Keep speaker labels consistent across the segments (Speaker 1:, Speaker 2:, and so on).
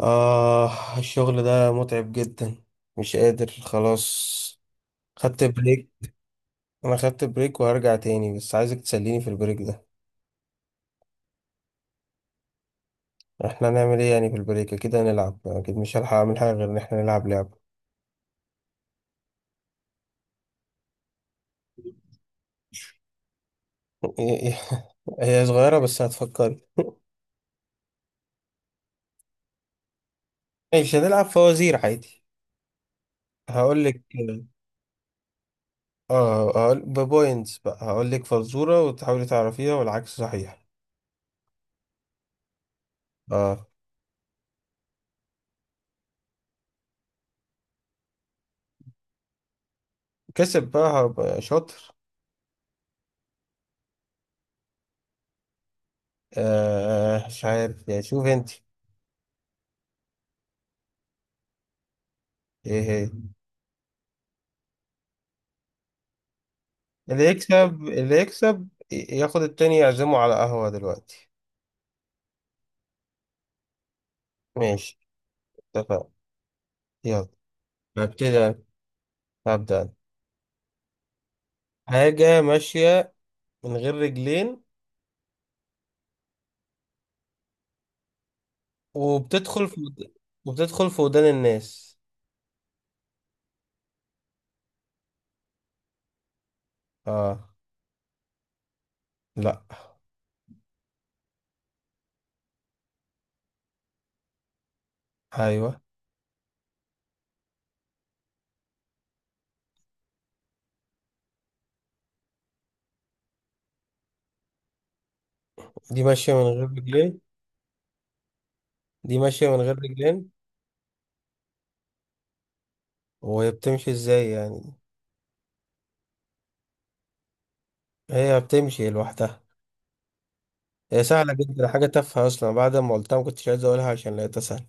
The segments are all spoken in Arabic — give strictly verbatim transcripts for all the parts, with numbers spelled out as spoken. Speaker 1: آه، الشغل ده متعب جدا. مش قادر خلاص. خدت بريك. أنا خدت بريك وهرجع تاني، بس عايزك تسليني في البريك ده. احنا هنعمل ايه يعني في البريك؟ اكيد هنلعب، اكيد مش هلحق اعمل حاجة غير ان احنا نلعب لعبة. هي هي صغيرة بس هتفكري. مش هنلعب فوازير عادي؟ هقول لك. اه، هقول ببوينتس بقى. هقول لك فزورة وتحاولي تعرفيها والعكس صحيح. اه. كسب بقى هبقى شاطر. آه، مش عارف يعني، شوف انت. ايه هي؟ اللي يكسب، اللي يكسب ي- ياخد التاني يعزمه على قهوة دلوقتي. ماشي، اتفقنا. يلا. هبتدي أنا. هبدأ أنا. حاجة ماشية من غير رجلين، وبتدخل في وبتدخل في ودان الناس. اه. لا. ايوه. دي ماشية من غير رجلين. دي ماشية من غير رجلين. وهي بتمشي ازاي يعني؟ هي بتمشي لوحدها. هي سهلة جدا، حاجة تافهة أصلا. بعد ما قلتها ما كنتش عايز أقولها عشان لقيتها سهلة.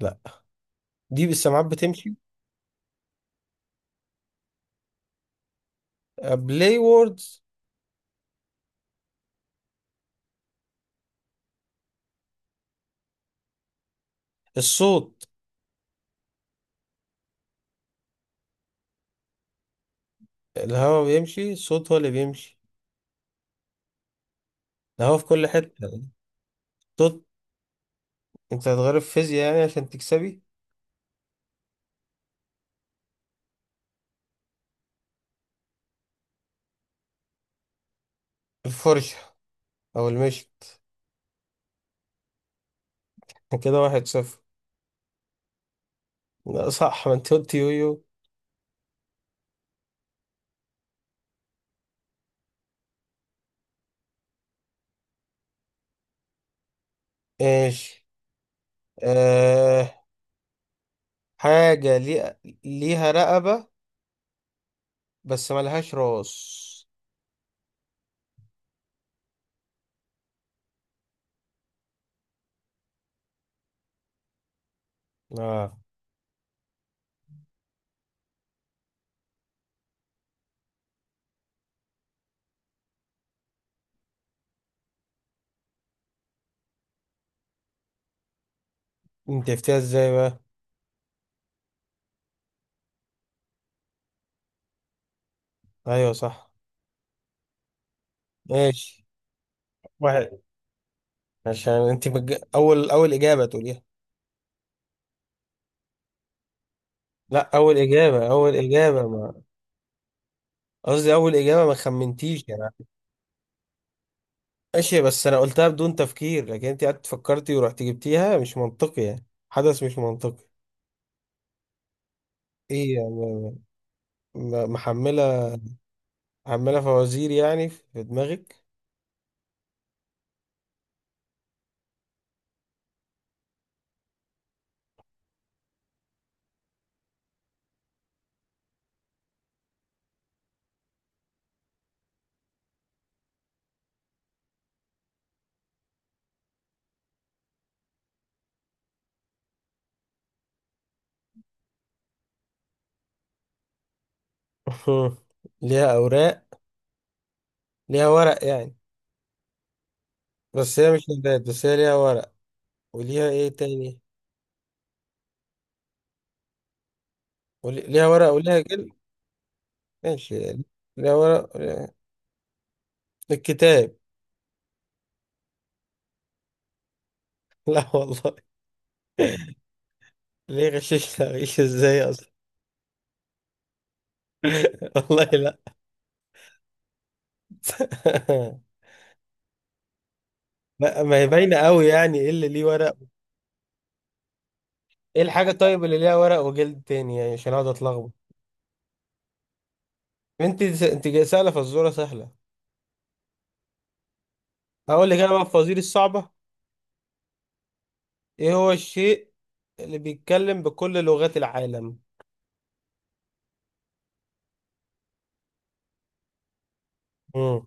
Speaker 1: لا، دي بالسماعات بتمشي. بلاي ووردز. الصوت. الهواء بيمشي، الصوت هو اللي بيمشي. الهواء في كل حتة. الصوت. انت هتغير في فيزياء يعني عشان تكسبي؟ الفرشة. او المشط. كده واحد صفر. لا، صح، ما انت قلت يويو. ايش؟ آه. حاجة لي... ليها رقبة بس ملهاش راس. اه. انت عرفتيها ازاي بقى؟ ايوه، صح. ماشي. واحد. عشان انت بج... اول اول اجابة تقوليها. لا، اول اجابة، اول اجابة ما... قصدي اول اجابة ما خمنتيش يعني. ماشي، بس انا قلتها بدون تفكير، لكن انت قعدت فكرتي ورحت جبتيها. مش منطقي يعني، حدث مش منطقي. ايه يعني؟ م- محملة، محملة فوازير يعني في دماغك. ليها اوراق. ليها ورق يعني. بس هي مش نبات، بس هي ليها ورق. وليها ايه تاني؟ ولي... ليها ورق وليها جلد. ماشي. ليها ورق وليها... الكتاب. لا والله. ليه غششنا؟ غش ازاي اصلا؟ والله لا. لا، ما هي باينة قوي. يعني ايه اللي ليه ورق؟ ايه الحاجة طيب اللي ليها ورق وجلد تاني، يعني عشان اقعد اتلخبط؟ انت انت جاي سهلة فالزورة سهلة. هقول لك انا بقى الفوازير الصعبة. ايه هو الشيء اللي بيتكلم بكل لغات العالم؟ امم.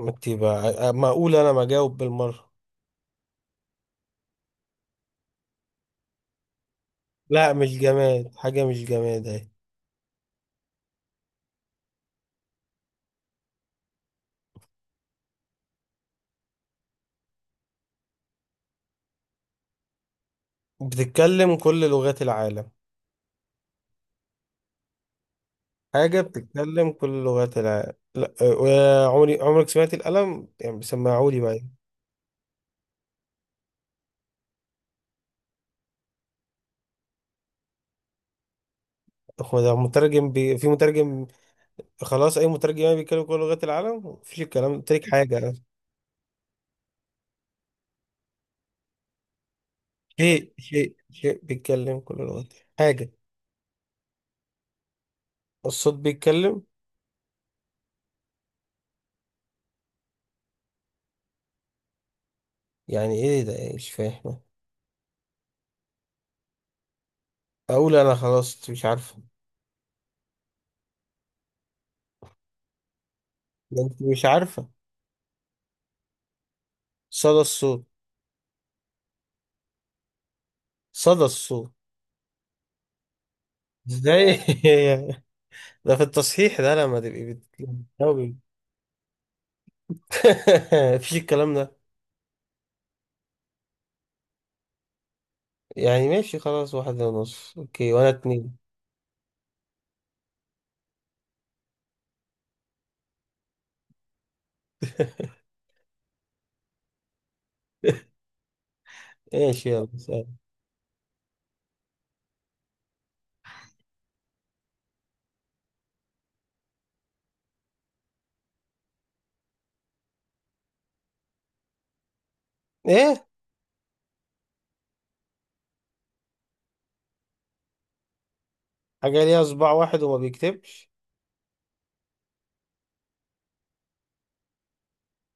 Speaker 1: انت بقى، ما اقول انا ما اجاوب بالمرة. لا، مش جماد، حاجة مش جماد اهي. بتتكلم كل لغات العالم. حاجة بتتكلم كل لغات العالم. لا، آه، عمري عمرك سمعت القلم؟ يعني بيسمعوا لي بقى. هو ده مترجم، بي... في مترجم؟ خلاص، أي مترجم يعني بيتكلم كل لغات العالم؟ مفيش الكلام تريك حاجة. شيء شيء شيء بيتكلم كل لغات. حاجة. الصوت بيتكلم. يعني إيه ده؟ إيه؟ مش فاهم. أقول أنا، خلاص أنت مش عارفة. ده أنت مش عارفة. صدى الصوت. صدى الصوت. ازاي؟ ده في التصحيح ده لما تبقي بتجاوبي. مفيش الكلام ده. يعني ماشي خلاص، واحد ونص اوكي وانا اتنين. ماشي، يلا سلام. ايه؟ حاجة ليها صباع واحد وما بيكتبش.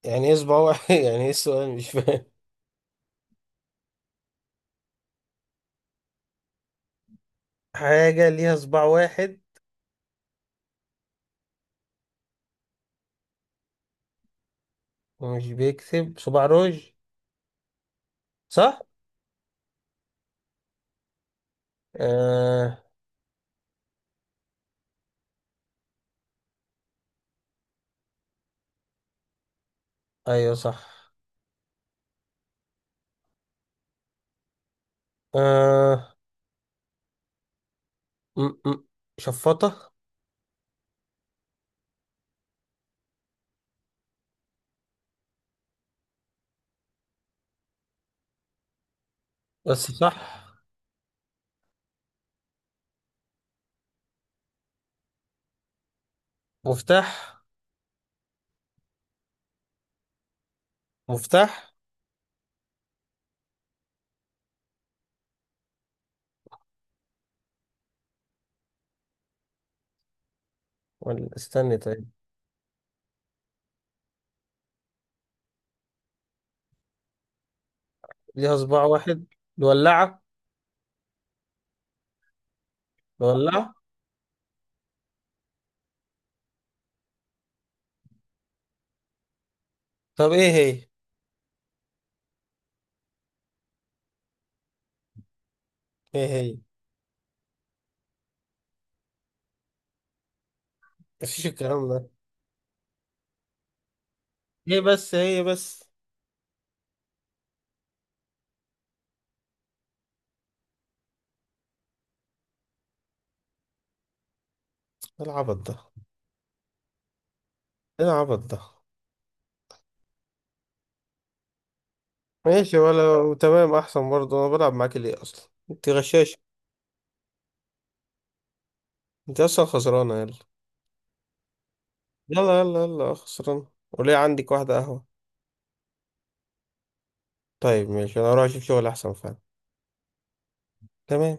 Speaker 1: يعني ايه صباع واحد؟ يعني ايه السؤال؟ مش فاهم. حاجة ليها صباع واحد ومش بيكتب. صباع روج. صح؟ آه... ايوه صح. آه... م -م. شفاطة. بس صح. مفتاح. مفتاح. ولا استني طيب. ليها صباع واحد. الولاعة. الولاعة. طب ايه هي؟ ايه هي؟ مفيش الكلام ده. ايه بس هي بس. إيه العبط ده؟ ايه العبط ده؟ ماشي، ولا تمام احسن برضه. انا بلعب معاك ليه اصلا؟ انت غشاش. انت اصلا خسرانة. يلا. يلا يلا يلا. خسرانة وليه عندك واحدة قهوة؟ طيب ماشي، انا اروح اشوف شغل احسن فعلا. تمام.